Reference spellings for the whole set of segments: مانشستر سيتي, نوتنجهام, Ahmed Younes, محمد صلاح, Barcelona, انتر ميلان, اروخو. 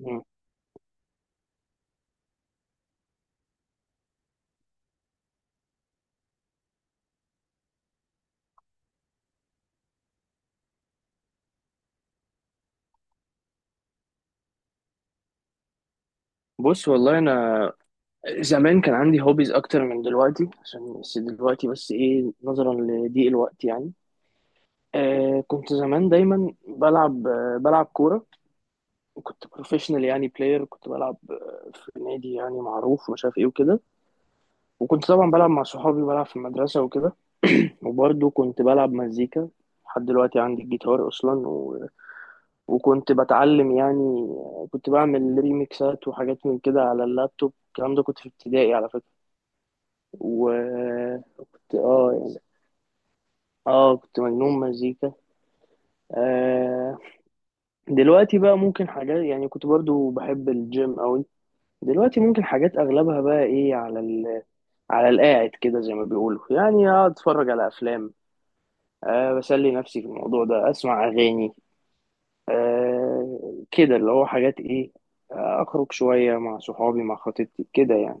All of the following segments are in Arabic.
مم. بص والله انا زمان كان عندي هوبيز اكتر من دلوقتي، عشان بس دلوقتي بس ايه نظرا لضيق الوقت يعني. كنت زمان دايما بلعب بلعب كوره. كنت بروفيشنال يعني بلاير، كنت بلعب في نادي يعني معروف ومش عارف ايه وكده. وكنت طبعا بلعب مع صحابي، بلعب في المدرسه وكده. وبرضه كنت بلعب مزيكا، لحد دلوقتي عندي الجيتار اصلا وكنت بتعلم يعني. كنت بعمل ريميكسات وحاجات من كده على اللابتوب، الكلام ده كنت في ابتدائي على فكره. وكنت يعني. اه كنت مجنون مزيكا. آه دلوقتي بقى ممكن حاجات، يعني كنت برضو بحب الجيم قوي. دلوقتي ممكن حاجات اغلبها بقى ايه على على القاعد كده زي ما بيقولوا، يعني اقعد اتفرج على افلام. بسلي نفسي في الموضوع ده، اسمع اغاني. كده اللي هو حاجات ايه. اخرج شوية مع صحابي، مع خطيبتي كده يعني.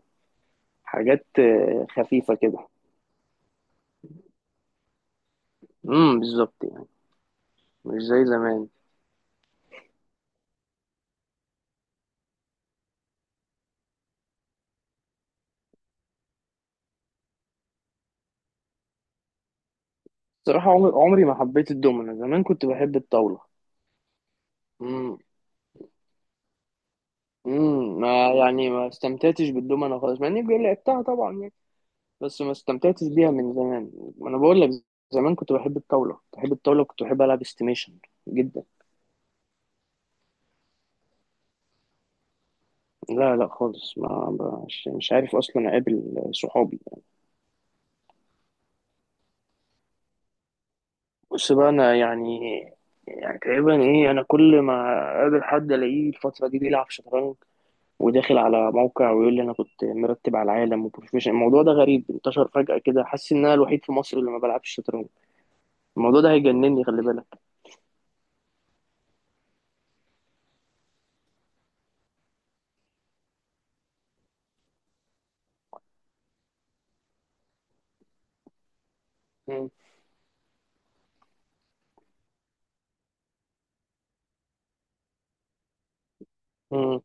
حاجات خفيفة كده. بالظبط يعني. مش زي زمان. صراحة عمري عمري ما حبيت الدومنة، زمان كنت بحب الطاولة. امم. ما يعني ما استمتعتش بالدومنة خالص، مع اني بقول لعبتها طبعا يعني. بس ما استمتعتش بيها من زمان. ما انا بقول لك، زمان كنت بحب الطاولة، كنت بحب الطاولة، كنت بحب العب استيميشن جدا. لا لا خالص، ما مش عارف اصلا اقابل صحابي. بص بقى انا يعني، يعني تقريبا ايه انا كل ما اقابل حد الاقيه الفترة دي بيلعب شطرنج، وداخل على موقع ويقول لي انا كنت مرتب على العالم وبروفيشنال. الموضوع ده غريب، انتشر فجأة كده، حاسس ان انا الوحيد في مصر اللي ما بلعبش شطرنج. الموضوع ده هيجنني، خلي بالك. مم. مم.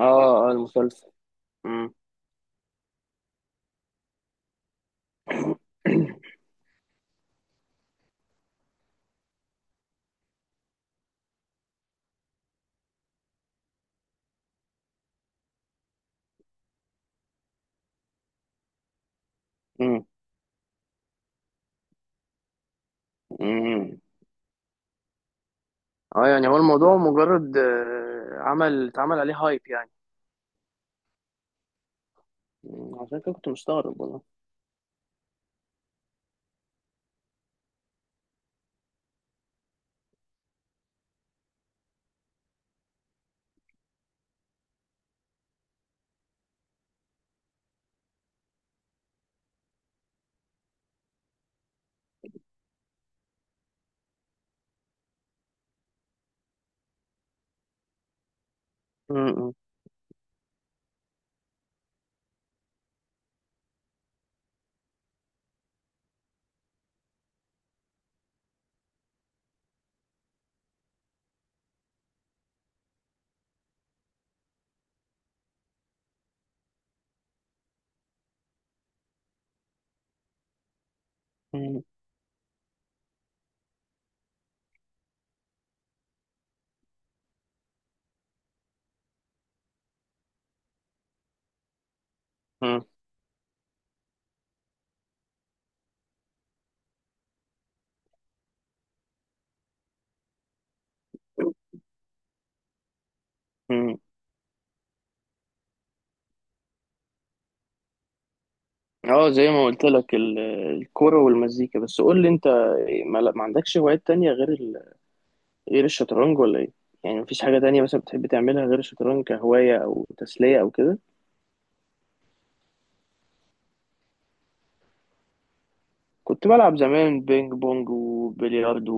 اه اه، المسلسل. مم. مم. مم. اه يعني هو الموضوع مجرد عمل اتعمل عليه هايب يعني. مم. عشان كده كنت مستغرب والله. مم. مم. مم. مم. اه زي ما قلت لك، الكوره والمزيكا بس. قول لي انت، ما عندكش هوايات تانية غير الشطرنج ولا ايه؟ يعني مفيش حاجة تانية مثلا بتحب تعملها غير الشطرنج كهواية أو تسلية أو كده؟ كنت بلعب زمان بينج بونج وبلياردو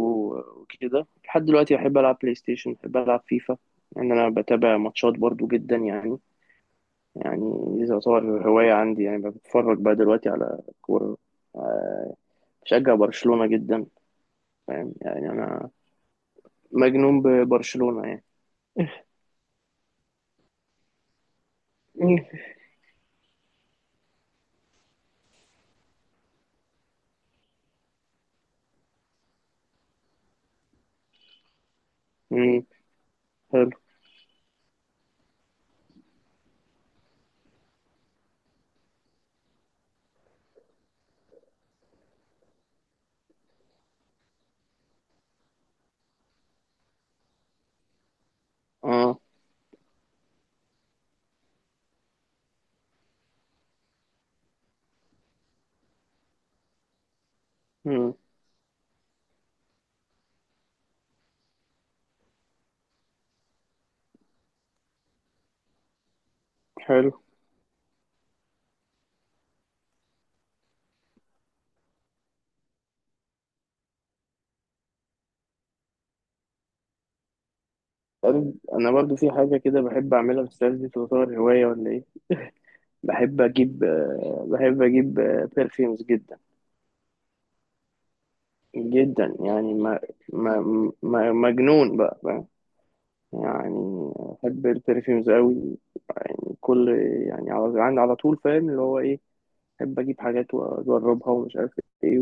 وكده، لحد دلوقتي بحب ألعب بلاي ستيشن، بحب ألعب فيفا، لأن يعني أنا بتابع ماتشات برضو جدا يعني. يعني دي تعتبر هواية عندي، يعني بتفرج بقى دلوقتي على كورة، بشجع برشلونة جدا، فاهم؟ يعني أنا مجنون ببرشلونة يعني. مم. حلو. اه. مم. حلو. انا برضو في حاجه كده بحب اعملها، بس دي تعتبر هوايه ولا ايه؟ بحب اجيب برفيومز جدا. جدا يعني، ما ما مجنون بقى، فاهم؟ يعني بحب البرفيومز قوي، يعني كل، يعني على عندي على طول فاهم اللي هو ايه، بحب اجيب حاجات واجربها ومش عارف ايه،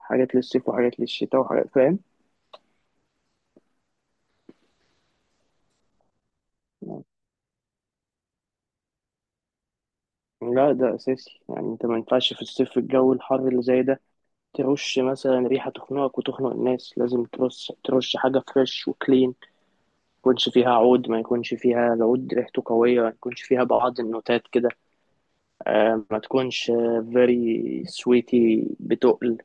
وحاجات للصيف وحاجات للشتاء وحاجات، فاهم؟ لا ده اساسي، يعني انت ما ينفعش في الصيف الجو الحر اللي زي ده ترش مثلا ريحة تخنقك وتخنق الناس. لازم ترش، حاجة فريش وكلين، ما يكونش فيها عود، ما يكونش فيها العود ريحته قوية، ما يكونش فيها بعض النوتات كده. ما تكونش very sweety بتقل،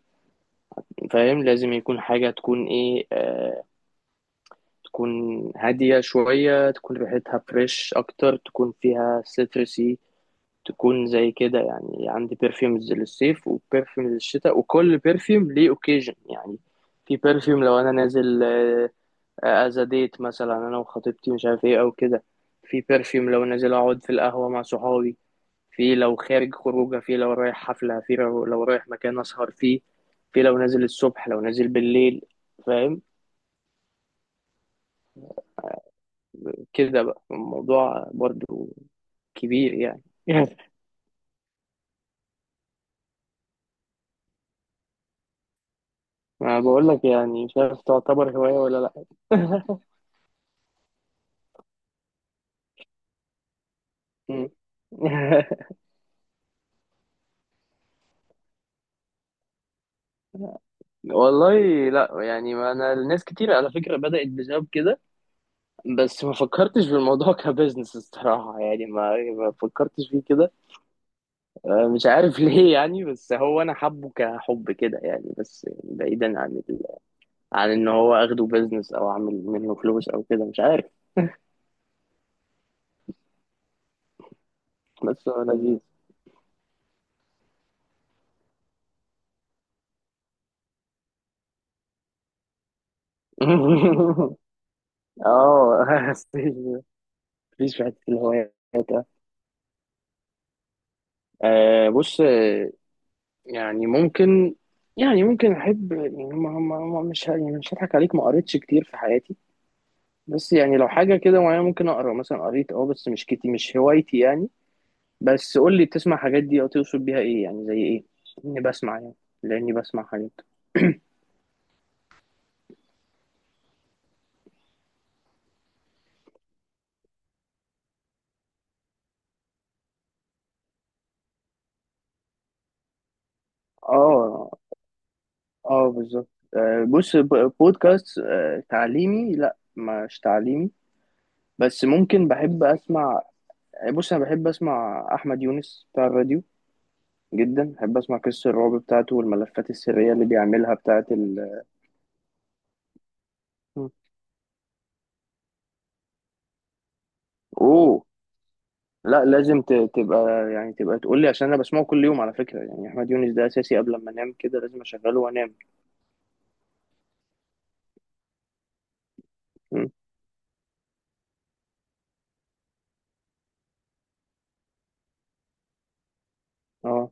فاهم؟ لازم يكون حاجة تكون ايه، تكون هادية شوية، تكون ريحتها فريش أكتر، تكون فيها citrusy، تكون زي كده يعني. عندي برفيومز للصيف وبرفيوم للشتاء، وكل برفيوم ليه اوكيجن يعني. في برفيوم لو انا نازل از ديت مثلا انا وخطيبتي مش عارف ايه او كده، في برفيوم لو نازل اقعد في القهوة مع صحابي، في لو خارج خروجه، في لو رايح حفلة، في لو رايح مكان اسهر فيه، في لو نازل الصبح، لو نازل بالليل، فاهم؟ كده بقى الموضوع برضو كبير يعني. انا بقول لك يعني، مش عارف تعتبر هواية ولا لا. مم. والله لا، يعني ما انا الناس كتير على فكره بدات بسبب كده. بس ما فكرتش في الموضوع كبزنس الصراحه يعني، ما فكرتش فيه كده. مش عارف ليه يعني. بس هو انا حبه كحب كده يعني، بس بعيدا عن عن ان هو اخده بزنس او اعمل منه فلوس او كده، مش عارف. بس هو لذيذ. اه. مفيش في حته الهوايات. بص، يعني ممكن، يعني ممكن احب يعني، ما ما ما مش ه- يعني مش هضحك عليك، ما قريتش كتير في حياتي. بس يعني لو حاجه كده معينه ممكن اقرا، مثلا قريت بس مش كتير، مش هوايتي يعني. بس قول لي، بتسمع حاجات دي او تقصد بيها ايه يعني؟ زي ايه؟ اني بسمع يعني، لاني بسمع حاجات؟ اه اه بالظبط. بص، بودكاست تعليمي لا مش تعليمي، بس ممكن بحب اسمع. بص انا بحب اسمع احمد يونس بتاع الراديو جدا، بحب اسمع قصص الرعب بتاعته والملفات السرية اللي بيعملها بتاعت ال... مم. اوه. لا لازم تبقى يعني، تبقى تقول لي عشان انا بسمعه كل يوم على فكرة يعني. احمد يونس ده اساسي، قبل ما انام كده لازم اشغله وانام. م. اه،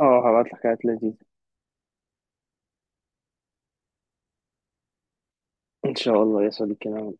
اه هبعت لك حاجات لذيذة. ان شاء الله يا صديقي انا